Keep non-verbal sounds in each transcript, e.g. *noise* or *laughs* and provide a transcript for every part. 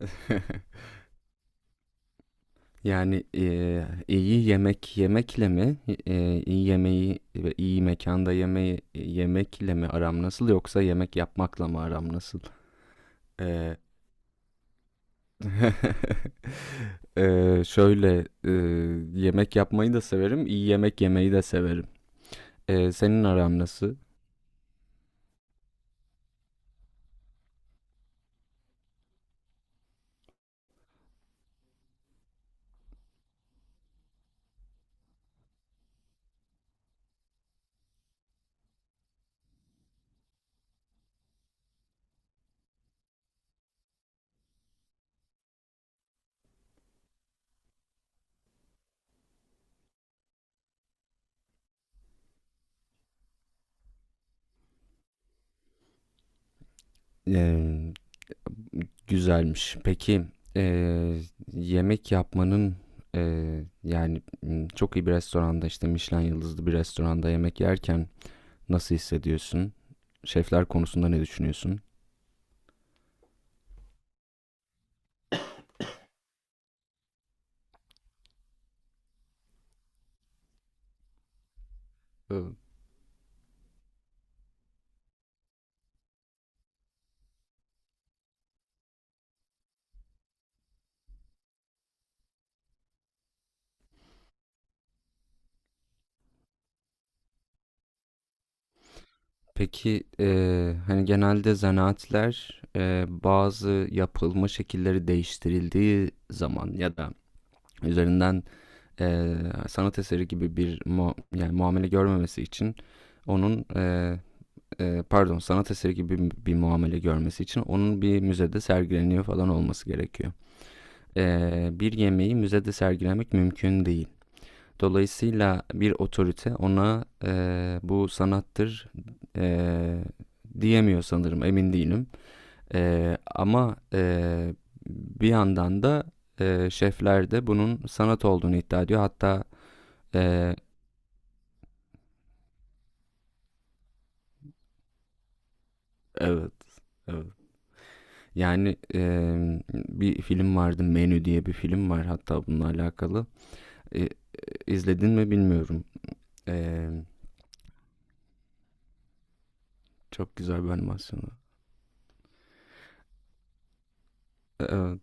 *laughs* İyi yemek yemekle mi, iyi yemeği ve iyi mekanda yemeği yemekle mi aram nasıl yoksa yemek yapmakla mı aram nasıl? Eee, *laughs* şöyle yemek yapmayı da severim, iyi yemek yemeyi de severim. Senin aram nasıl? Eee, Güzelmiş. Peki eee, yemek yapmanın çok iyi bir restoranda işte Michelin yıldızlı bir restoranda yemek yerken nasıl hissediyorsun? Şefler konusunda ne düşünüyorsun? Ee, Peki hani genelde zanaatler bazı yapılma şekilleri değiştirildiği zaman ya da üzerinden sanat eseri gibi yani muamele görmemesi için onun pardon, sanat eseri gibi bir muamele görmesi için onun bir müzede sergileniyor falan olması gerekiyor. Bir yemeği müzede sergilemek mümkün değil. Dolayısıyla bir otorite ona bu sanattır eee, diyemiyor sanırım, emin değilim. Ama bir yandan da şefler de bunun sanat olduğunu iddia ediyor. Hatta eee, evet, evet. Yani bir film vardı, Menü diye bir film var hatta bununla alakalı. E, e, izledin mi bilmiyorum. Eee, Çok güzel bir animasyonu. Evet.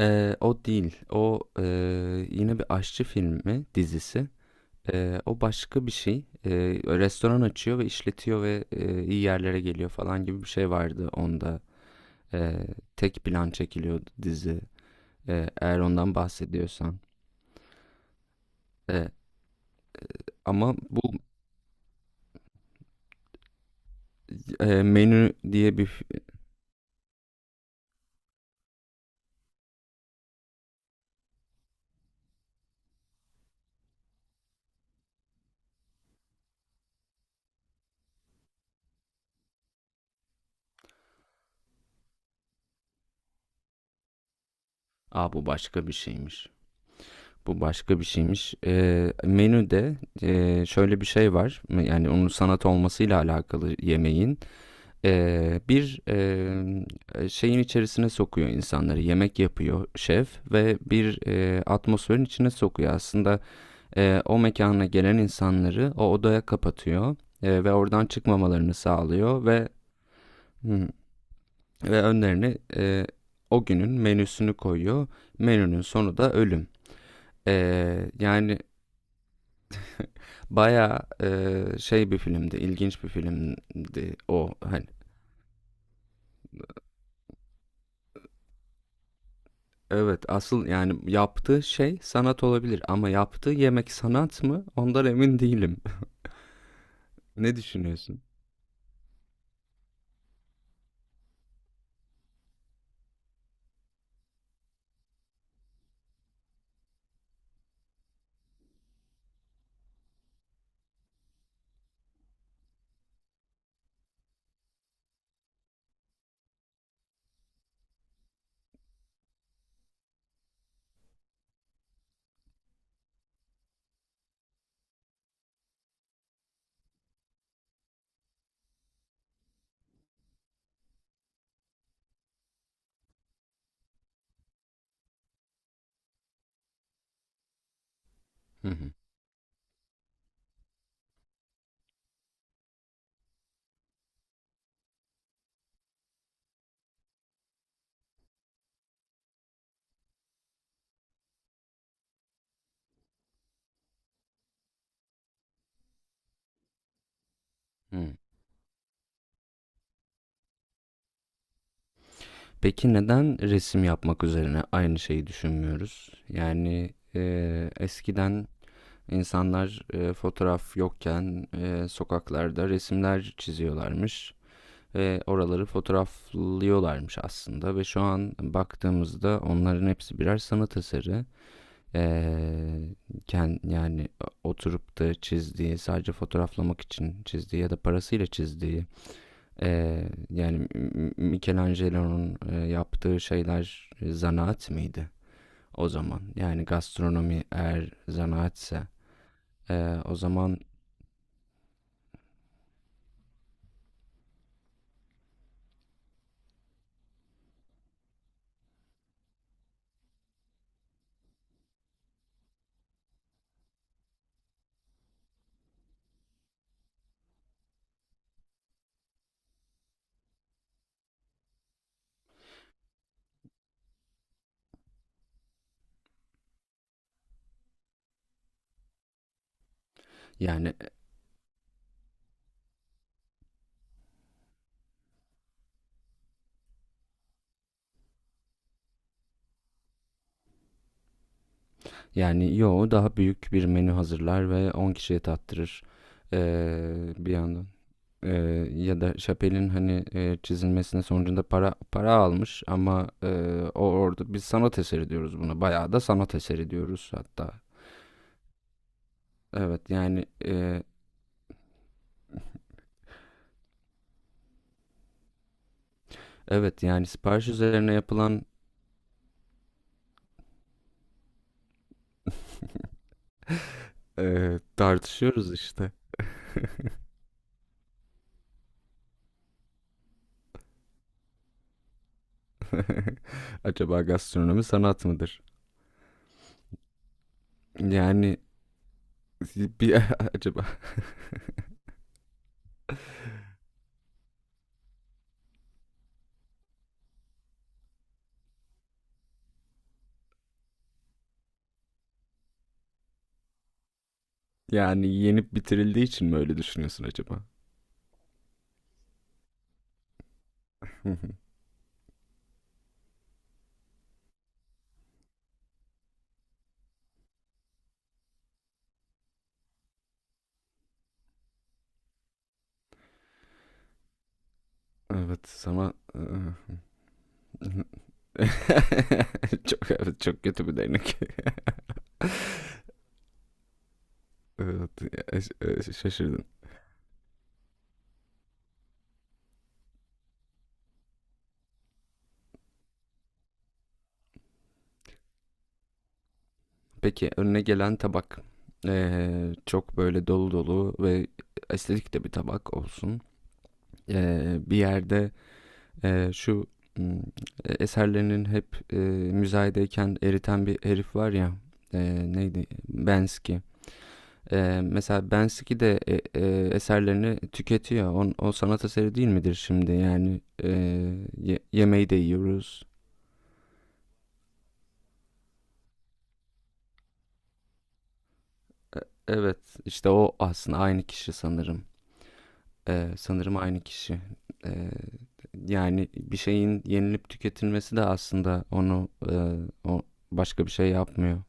O değil. O yine bir aşçı filmi dizisi. O başka bir şey. Restoran açıyor ve işletiyor ve iyi yerlere geliyor falan gibi bir şey vardı onda. Eee, Tek plan çekiliyordu dizi. Eğer ondan bahsediyorsan. Eee, ama bu menü diye bir... Aa, bu başka bir şeymiş. Bu başka bir şeymiş. Menüde şöyle bir şey var. Yani onun sanat olmasıyla alakalı yemeğin. Bir şeyin içerisine sokuyor insanları. Yemek yapıyor şef ve bir atmosferin içine sokuyor. Aslında o mekana gelen insanları o odaya kapatıyor, ve oradan çıkmamalarını sağlıyor ve hı, ve önlerine o günün menüsünü koyuyor. Menünün sonu da ölüm. Yani baya şey bir filmdi, ilginç bir filmdi o. Hani evet, asıl yani yaptığı şey sanat olabilir ama yaptığı yemek sanat mı? Ondan emin değilim. *laughs* Ne düşünüyorsun? Hı hı. Hı. Peki neden resim yapmak üzerine aynı şeyi düşünmüyoruz? Yani eskiden insanlar fotoğraf yokken sokaklarda resimler çiziyorlarmış ve oraları fotoğraflıyorlarmış aslında, ve şu an baktığımızda onların hepsi birer sanat eseri. Ee, Yani oturup da çizdiği, sadece fotoğraflamak için çizdiği ya da parasıyla çizdiği, yani Michelangelo'nun yaptığı şeyler zanaat mıydı o zaman, yani gastronomi eğer zanaatse o zaman yani yani yo, daha büyük bir menü hazırlar ve 10 kişiye tattırır. Bir yandan ya da Chappelle'in hani, çizilmesinin sonucunda para almış ama, o orada biz sanat eseri diyoruz buna. Bayağı da sanat eseri diyoruz hatta. Evet yani, evet, yani sipariş üzerine yapılan. *laughs* Tartışıyoruz işte. *laughs* Acaba gastronomi sanat mıdır? Yani bir *laughs* acaba yani yenip bitirildiği için mi öyle düşünüyorsun acaba? *laughs* Evet, sana *laughs* çok, evet, çok kötü bir değnek. Evet, şaşırdın. Peki önüne gelen tabak çok böyle dolu dolu ve estetik de bir tabak olsun. Bir yerde e, şu hmm, eserlerinin hep müzayedeyken eriten bir herif var ya. e, Neydi? Bensky. Mesela Bensky de eserlerini tüketiyor. On, o sanat eseri değil midir şimdi? Yani yemeği de yiyoruz. E, evet, işte o aslında aynı kişi sanırım. Sanırım aynı kişi. E, Yani bir şeyin yenilip tüketilmesi de aslında onu o başka bir şey yapmıyor.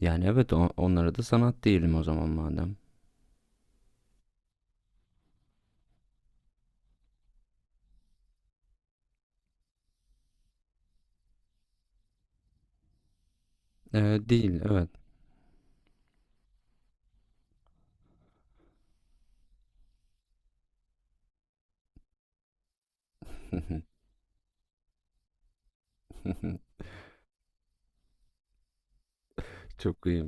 Yani evet, o- onlara da sanat değilim o zaman madem. Değil, evet. *laughs* Çok iyi.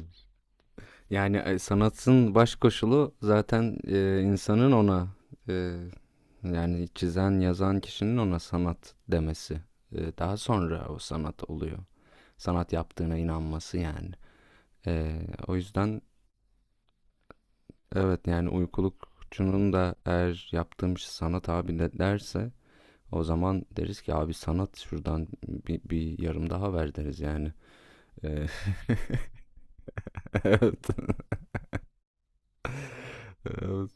Yani, sanatın baş koşulu zaten, insanın ona, eee, yani çizen, yazan kişinin ona sanat demesi. Daha sonra o sanat oluyor. Sanat yaptığına inanması yani. O yüzden evet, yani uykulukçunun da eğer yaptığım şey sanat abi de derse o zaman deriz ki abi sanat şuradan bir yarım daha ver deriz yani. Eee, evet,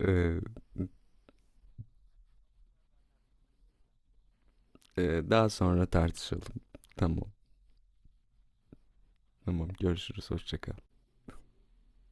eee, *laughs* Daha sonra tartışalım. Tamam. Tamam, görüşürüz, hoşçakal.